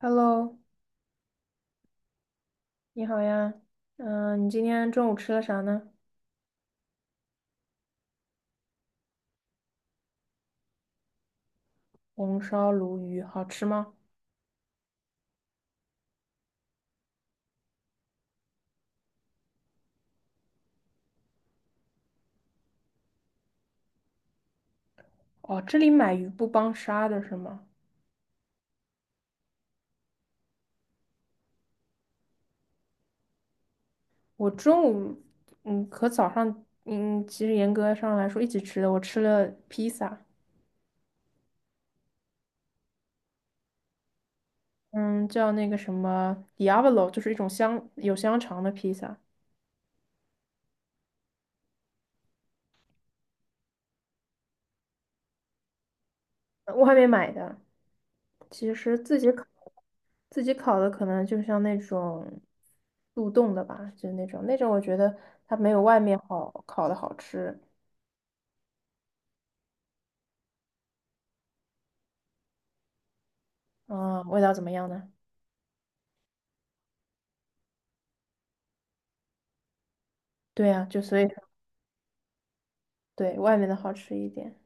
Hello，你好呀，你今天中午吃了啥呢？红烧鲈鱼好吃吗？哦，这里买鱼不帮杀的是吗？我中午，和早上，其实严格上来说一起吃的，我吃了披萨。嗯，叫那个什么 Diavolo，就是一种香肠的披萨。我还没买的，其实自己烤，自己烤的可能就像那种速冻的吧，就那种，我觉得它没有外面好烤的好吃。嗯，味道怎么样呢？对啊，就所以对外面的好吃一点。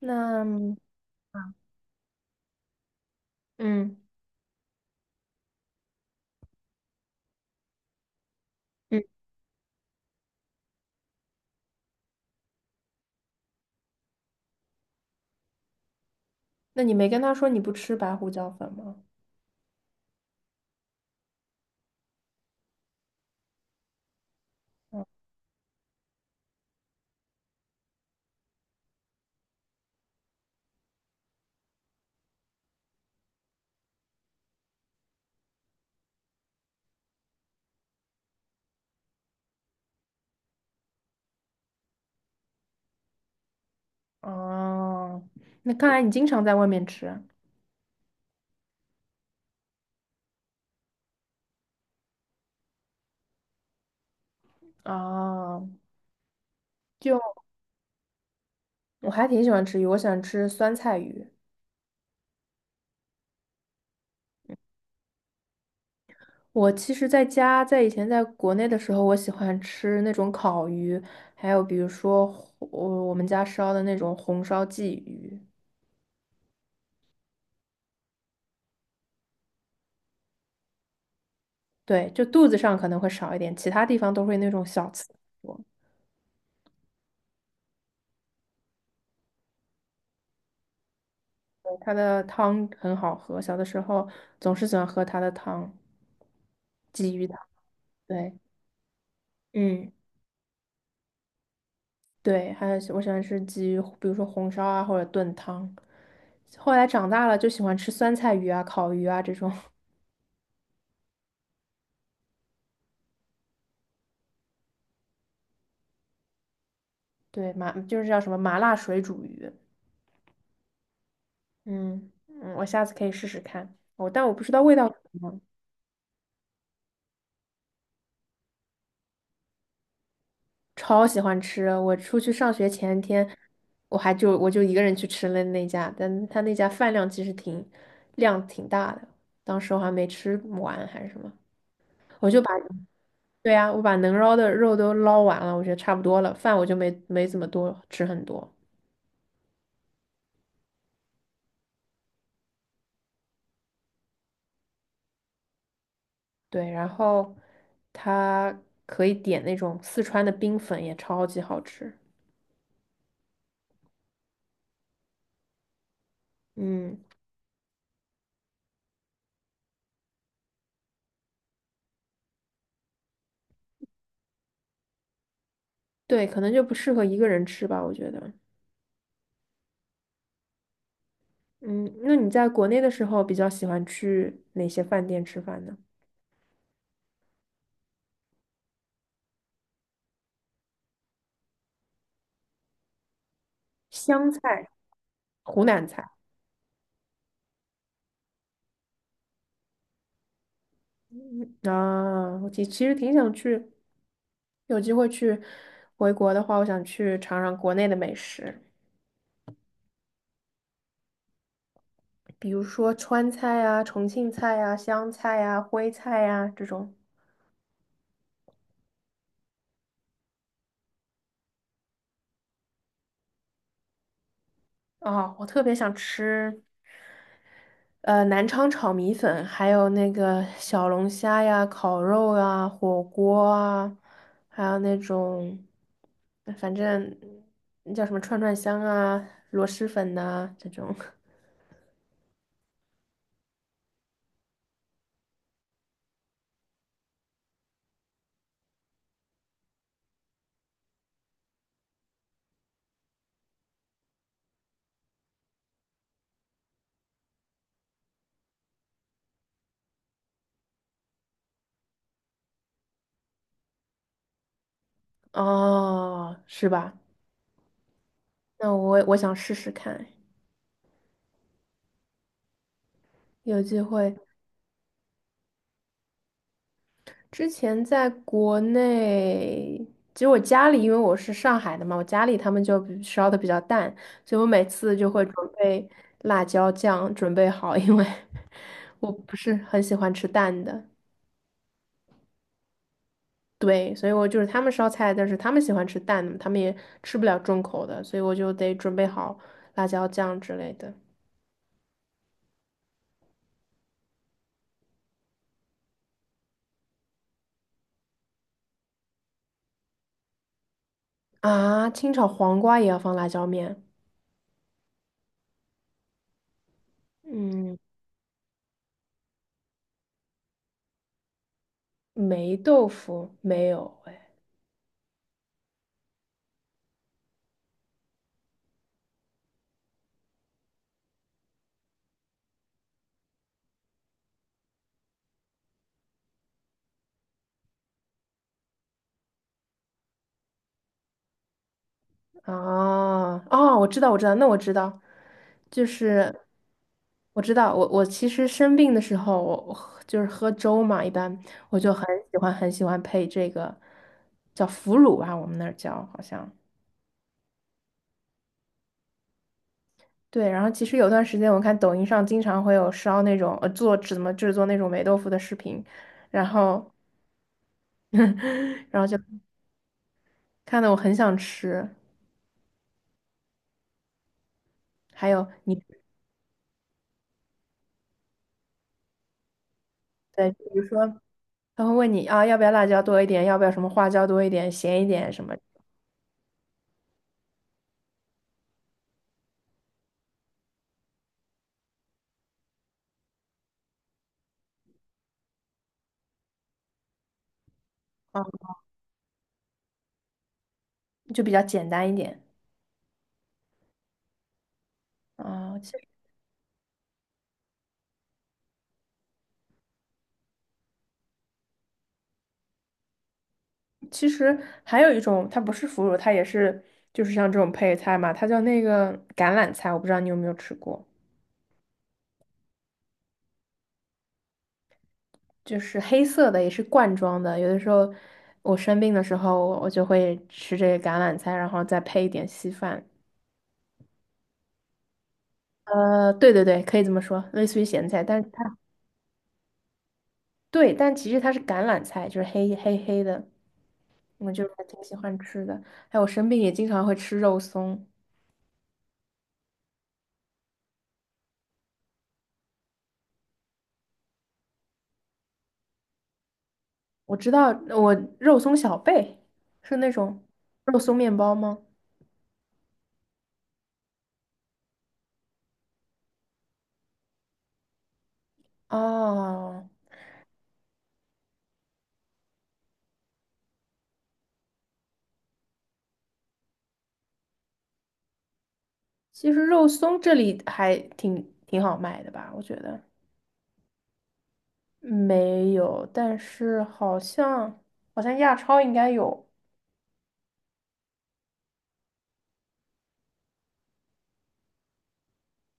那嗯，嗯那你没跟他说你不吃白胡椒粉吗？哦，那看来你经常在外面吃啊。哦就我还挺喜欢吃鱼，我喜欢吃酸菜鱼。我其实在家，在以前在国内的时候，我喜欢吃那种烤鱼，还有比如说我们家烧的那种红烧鲫鱼。对，就肚子上可能会少一点，其他地方都会那种小刺多。对，它的汤很好喝，小的时候总是喜欢喝它的汤，鲫鱼汤。对，嗯，对，还有我喜欢吃鲫鱼，比如说红烧啊或者炖汤。后来长大了就喜欢吃酸菜鱼啊、烤鱼啊这种。对，麻就是叫什么麻辣水煮鱼。嗯。我下次可以试试看。我但我不知道味道怎么样。超喜欢吃。我出去上学前一天，我就一个人去吃了那家，但他那家饭量其实挺大的。当时我还没吃完还是什么，我就把我把能捞的肉都捞完了，我觉得差不多了，饭我就没怎么多吃很多。对，然后它可以点那种四川的冰粉，也超级好吃。嗯，对，可能就不适合一个人吃吧，我觉得。嗯，那你在国内的时候比较喜欢去哪些饭店吃饭呢？湘菜、湖南菜。嗯啊，我其实挺想去，有机会去回国的话，我想去尝尝国内的美食，比如说川菜啊、重庆菜啊、湘菜啊、徽菜啊这种。啊，我特别想吃南昌炒米粉，还有那个小龙虾呀、烤肉啊、火锅啊，还有那种，反正那叫什么串串香啊、螺蛳粉呐、这种。哦，是吧？那我想试试看，有机会。之前在国内，其实我家里，因为我是上海的嘛，我家里他们就比烧的比较淡，所以我每次就会准备辣椒酱准备好，因为 我不是很喜欢吃淡的。对，所以我就是他们烧菜，但是他们喜欢吃淡的，他们也吃不了重口的，所以我就得准备好辣椒酱之类的。啊，清炒黄瓜也要放辣椒面？嗯，霉豆腐没有哎。哦，我知道，我知道，那我知道，就是我知道。我其实生病的时候，我喝就是喝粥嘛，一般我就很喜欢配这个叫腐乳吧，我们那儿叫好像。对，然后其实有段时间我看抖音上经常会有烧那种做怎么制作那种霉豆腐的视频，然后 然后就看的我很想吃。还有你对，比如说他会问你啊，要不要辣椒多一点，要不要什么花椒多一点，咸一点什么。啊，就比较简单一点啊。其实还有一种，它不是腐乳，它也是就是像这种配菜嘛，它叫那个橄榄菜，我不知道你有没有吃过，就是黑色的，也是罐装的。有的时候我生病的时候，我就会吃这个橄榄菜，然后再配一点稀饭。对对对，可以这么说，类似于咸菜，但是它对，但其实它是橄榄菜，就是黑黑的。我就是还挺喜欢吃的。还有我生病也经常会吃肉松。我知道，我肉松小贝是那种肉松面包吗？哦，其实肉松这里还挺好卖的吧，我觉得没有，但是好像亚超应该有。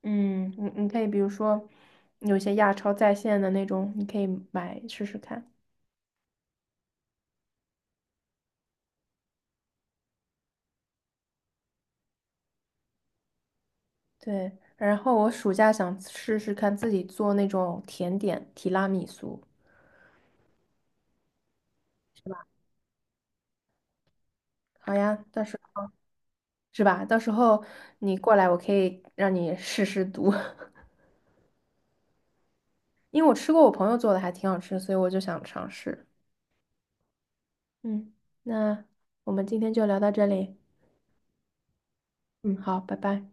嗯，你可以比如说有一些亚超在线的那种，你可以买试试看。对，然后我暑假想试试看自己做那种甜点提拉米苏。是吧？好呀，到时候是吧？到时候你过来，我可以让你试试毒。因为我吃过我朋友做的，还挺好吃，所以我就想尝试。嗯，那我们今天就聊到这里。嗯，好，拜拜。